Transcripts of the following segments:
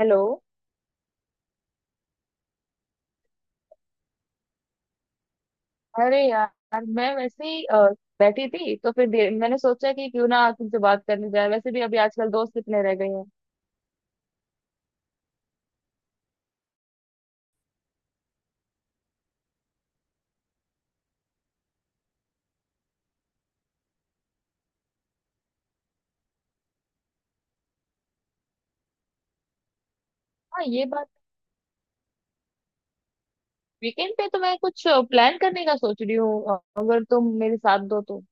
Hello. अरे यार, मैं वैसे ही बैठी थी, तो फिर मैंने सोचा कि क्यों ना तुमसे बात करने जाए। वैसे भी अभी आजकल दोस्त कितने रह गए हैं। हाँ, ये बात। वीकेंड पे तो मैं कुछ प्लान करने का सोच रही हूँ, अगर तुम मेरे साथ दो तो।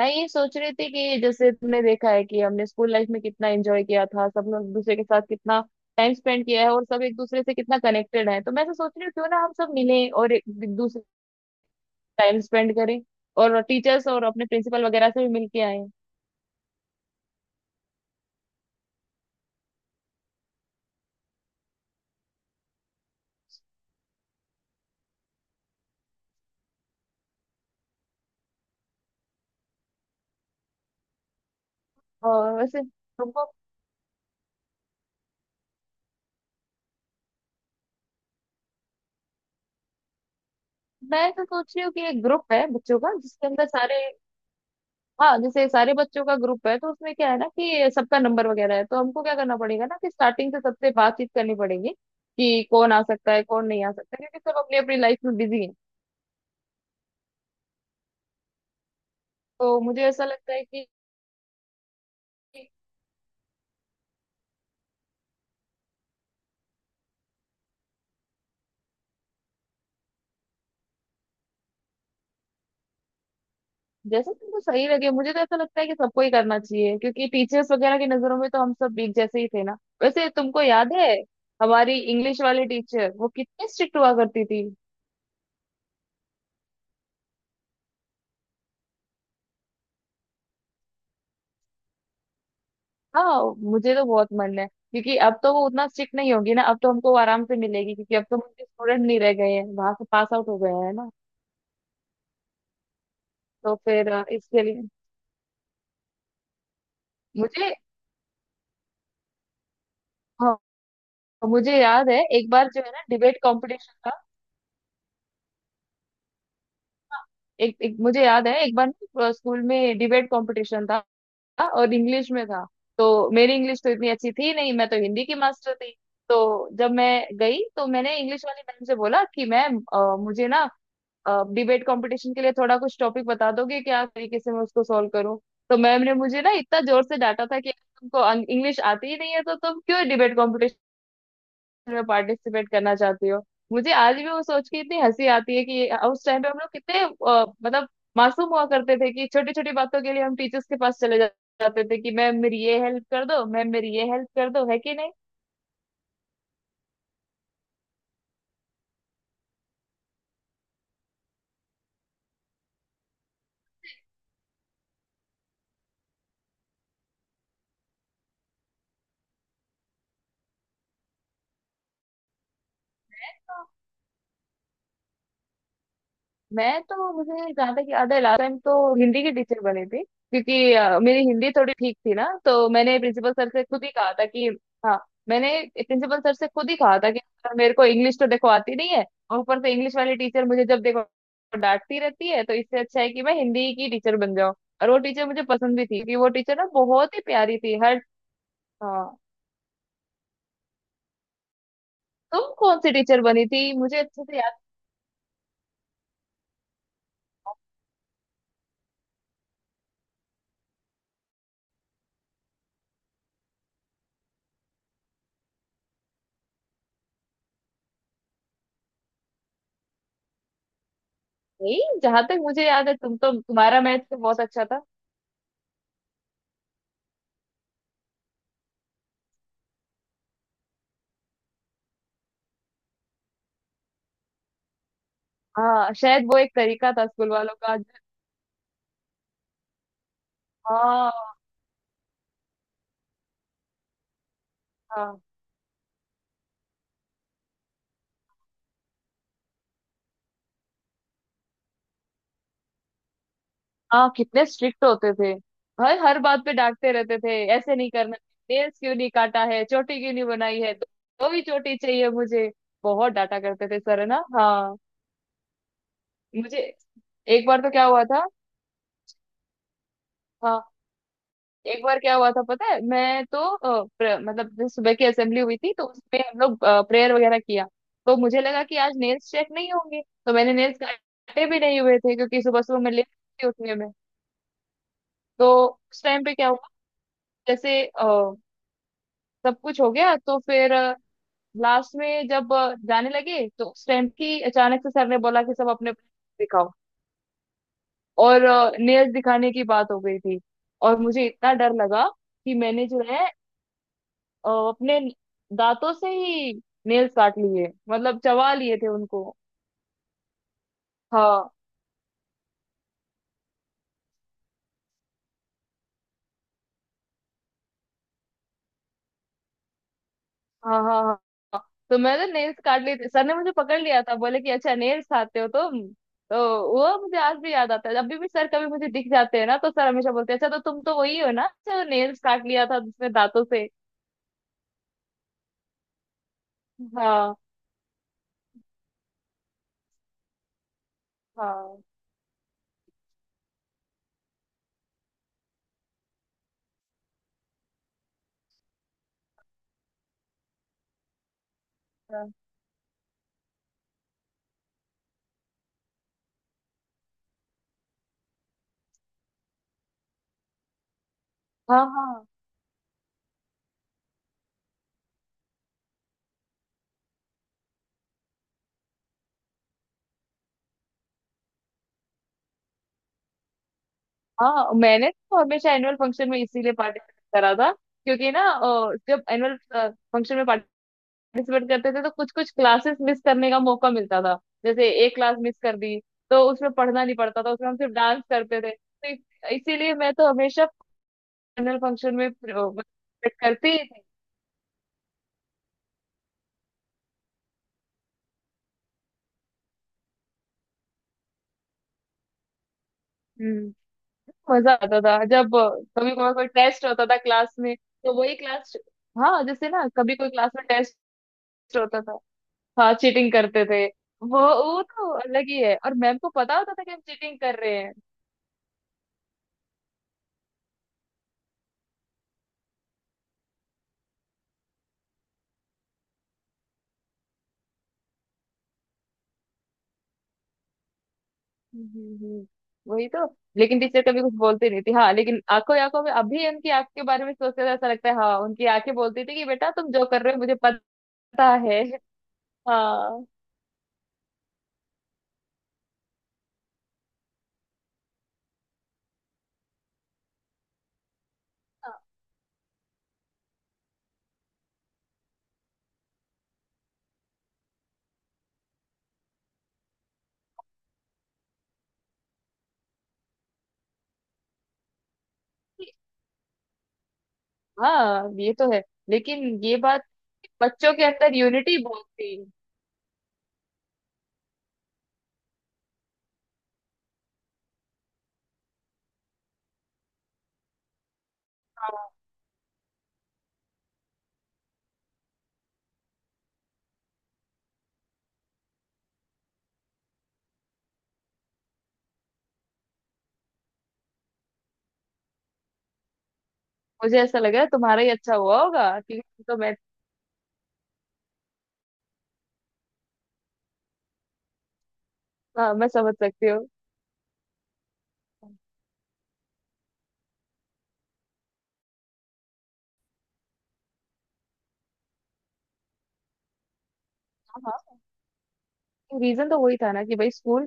मैं ये सोच रही थी कि जैसे तुमने देखा है कि हमने स्कूल लाइफ में कितना एंजॉय किया था, सब लोग एक दूसरे के साथ कितना टाइम स्पेंड किया है और सब एक दूसरे से कितना कनेक्टेड है। तो मैं ऐसा सोच रही हूँ क्यों ना हम सब मिलें और एक दूसरे टाइम स्पेंड करें, और टीचर्स और अपने प्रिंसिपल वगैरह से भी मिल के आए। और वैसे तुमको। मैं तो सोच रही हूँ कि एक ग्रुप है बच्चों का जिसके अंदर सारे। हाँ, जैसे सारे बच्चों का ग्रुप है तो उसमें क्या है ना कि सबका नंबर वगैरह है। तो हमको क्या करना पड़ेगा ना कि स्टार्टिंग से सबसे बातचीत करनी पड़ेगी कि कौन आ सकता है कौन नहीं आ सकता, क्योंकि सब अपनी अपनी लाइफ में बिजी है। तो मुझे ऐसा लगता है कि। जैसे तुमको सही लगे, मुझे तो ऐसा लगता है कि सबको ही करना चाहिए, क्योंकि टीचर्स वगैरह की नजरों में तो हम सब एक जैसे ही थे ना। वैसे तुमको याद है हमारी इंग्लिश वाली टीचर वो कितनी स्ट्रिक्ट हुआ करती थी। हाँ। मुझे तो बहुत मन है, क्योंकि अब तो वो उतना स्ट्रिक्ट नहीं होगी ना, अब तो हमको आराम से मिलेगी, क्योंकि अब तो मुझे स्टूडेंट नहीं रह गए हैं, वहां से पास आउट हो गए हैं ना। तो फिर इसके लिए मुझे। हाँ, मुझे याद है एक बार जो है ना डिबेट कंपटीशन था। हाँ, एक मुझे याद है, एक बार स्कूल में डिबेट कंपटीशन था और इंग्लिश में था। तो मेरी इंग्लिश तो इतनी अच्छी थी नहीं, मैं तो हिंदी की मास्टर थी। तो जब मैं गई तो मैंने इंग्लिश वाली मैम से बोला कि मैम, मुझे ना डिबेट कंपटीशन के लिए थोड़ा कुछ टॉपिक बता दोगे क्या तरीके से मैं उसको सॉल्व करूं। तो मैम ने मुझे ना इतना जोर से डांटा था कि तुमको इंग्लिश आती ही नहीं है तो तुम क्यों डिबेट कंपटीशन में पार्टिसिपेट करना चाहती हो। मुझे आज भी वो सोच के इतनी हंसी आती है कि उस टाइम पे हम लोग कितने मतलब मासूम हुआ करते थे, कि छोटी छोटी बातों के लिए हम टीचर्स के पास चले जाते थे कि मैम मेरी ये हेल्प कर दो, मैम मेरी ये हेल्प कर दो, है कि नहीं। मैं तो मुझे जहाँ तक याद है लास्ट टाइम तो हिंदी की टीचर बनी थी, क्योंकि मेरी हिंदी थोड़ी ठीक थी ना। तो मैंने प्रिंसिपल सर से खुद ही कहा था कि। हाँ, मैंने प्रिंसिपल सर से खुद ही कहा था कि "सर, मेरे को इंग्लिश तो देखो आती नहीं है, और ऊपर से इंग्लिश वाली टीचर मुझे जब देखो डांटती रहती है, तो इससे अच्छा है कि मैं हिंदी की टीचर बन जाऊँ।" और वो टीचर मुझे पसंद भी थी, क्योंकि वो टीचर ना बहुत ही प्यारी थी, हर। हाँ, तुम कौन सी टीचर बनी थी मुझे अच्छे से याद नहीं। जहां तक मुझे याद है, तुम्हारा मैथ तो बहुत अच्छा था। हाँ, शायद वो एक तरीका था स्कूल वालों का। हाँ हाँ हाँ, कितने स्ट्रिक्ट होते थे, हर हर बात पे डांटते रहते थे, ऐसे नहीं करना, नेल्स क्यों नहीं काटा है, चोटी क्यों नहीं बनाई है, दो ही चोटी चाहिए मुझे। बहुत डांटा करते थे सर, है ना, हाँ। मुझे एक बार तो क्या हुआ था। हाँ, एक बार क्या हुआ था पता है, मैं तो मतलब जैसे सुबह की असेंबली हुई थी तो उसमें हम लोग प्रेयर वगैरह किया। तो मुझे लगा कि आज नेल्स चेक नहीं होंगे, तो मैंने नेल्स काटे भी नहीं हुए थे, क्योंकि सुबह सुबह मैं लेट थी उठने में। तो उस टाइम पे क्या हुआ, जैसे सब कुछ हो गया तो फिर लास्ट में जब जाने लगे, तो उस टाइम की अचानक से सर ने बोला कि सब अपने दिखाओ। और नेल्स दिखाने की बात हो गई थी। और मुझे इतना डर लगा कि मैंने जो है अपने दांतों से ही नेल्स काट लिए, मतलब चबा लिए थे उनको। हाँ हाँ हाँ हाँ हाँ। तो मैंने नेल्स काट लिए थे, सर ने मुझे पकड़ लिया था, बोले कि अच्छा नेल्स खाते हो तुम। तो वो मुझे आज भी याद आता है, जब भी सर कभी मुझे दिख जाते हैं ना तो सर हमेशा बोलते हैं अच्छा, तो तुम तो वही हो ना, अच्छा, नेल्स काट लिया था जिसमें दांतों से। हाँ हाँ हाँ हाँ हाँ, हाँ, मैंने तो हमेशा एनुअल फंक्शन में इसीलिए पार्टिसिपेट करा था, क्योंकि ना जब एनुअल फंक्शन में पार्टिसिपेट करते थे तो कुछ कुछ क्लासेस मिस करने का मौका मिलता था। जैसे एक क्लास मिस कर दी तो उसमें पढ़ना नहीं पड़ता था, उसमें हम सिर्फ डांस करते थे, तो इसीलिए मैं तो हमेशा फाइनल फंक्शन में पार्टिसिपेट करती ही थी। हम्म, मजा आता था जब कभी कभार कोई टेस्ट होता था क्लास में, तो वही क्लास। हाँ, जैसे ना कभी कोई क्लास में टेस्ट होता था। हाँ, चीटिंग करते थे। वो वो तो अलग ही है, और मैम को पता होता था कि हम चीटिंग कर रहे हैं। हम्म, हम्म, वही तो। लेकिन टीचर कभी कुछ बोलती नहीं थी। हाँ, लेकिन आंखों ही आंखों में, अभी उनकी आंख के बारे में सोचते तो ऐसा लगता है, हाँ, उनकी आंखें बोलती थी कि बेटा, तुम जो कर रहे हो मुझे पता है। हाँ हाँ, ये तो है। लेकिन ये बात, बच्चों के अंदर यूनिटी बहुत थी। हाँ, मुझे ऐसा लग रहा है तुम्हारा ही अच्छा हुआ होगा, क्योंकि तुम तो, मैं। हाँ, मैं समझ सकती हूँ। हाँ, रीजन तो वही था ना कि भाई, स्कूल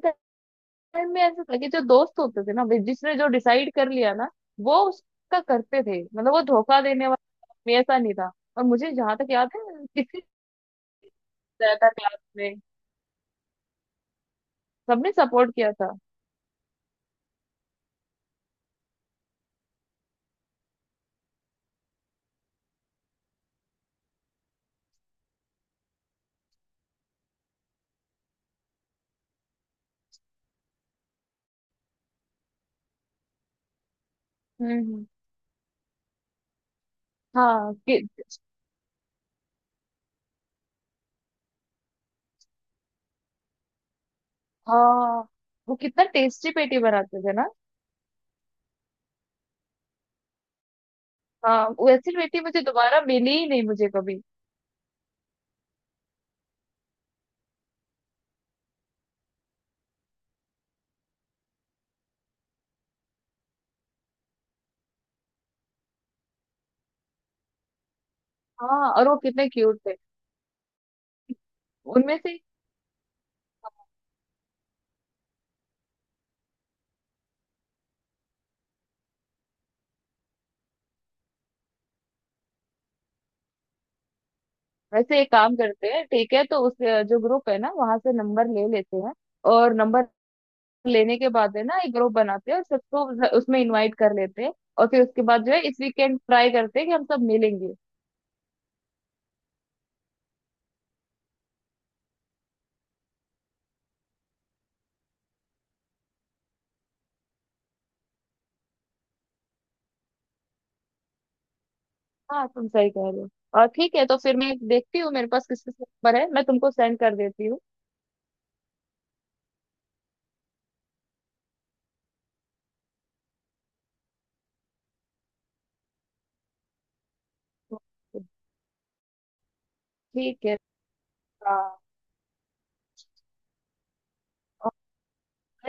टाइम में ऐसा था कि जो दोस्त होते थे ना, भाई, जिसने जो डिसाइड कर लिया ना वो उसका करते थे, मतलब वो धोखा देने वाला आदमी ऐसा नहीं था। और मुझे जहां तक याद है, किसी ने बताया था क्लास में, सबने सपोर्ट किया था। हम्म हम्म। हाँ कि। हाँ, वो कितना टेस्टी पेटी बनाते थे ना। हाँ, वैसी पेटी मुझे दोबारा मिली ही नहीं, मुझे कभी। हाँ, और वो कितने क्यूट थे। उनमें से। वैसे एक काम करते हैं, ठीक है, तो उस जो ग्रुप है ना वहां से नंबर ले लेते हैं। और नंबर लेने के बाद है ना एक ग्रुप बनाते हैं और सबको उसमें इनवाइट कर लेते हैं। और फिर उसके बाद जो है, इस वीकेंड ट्राई करते हैं कि हम सब मिलेंगे। हाँ, तुम सही कह रहे हो। और ठीक है, तो फिर मैं देखती हूँ मेरे पास किस किस नंबर है, मैं तुमको सेंड कर देती हूँ। ठीक है। हाँ, और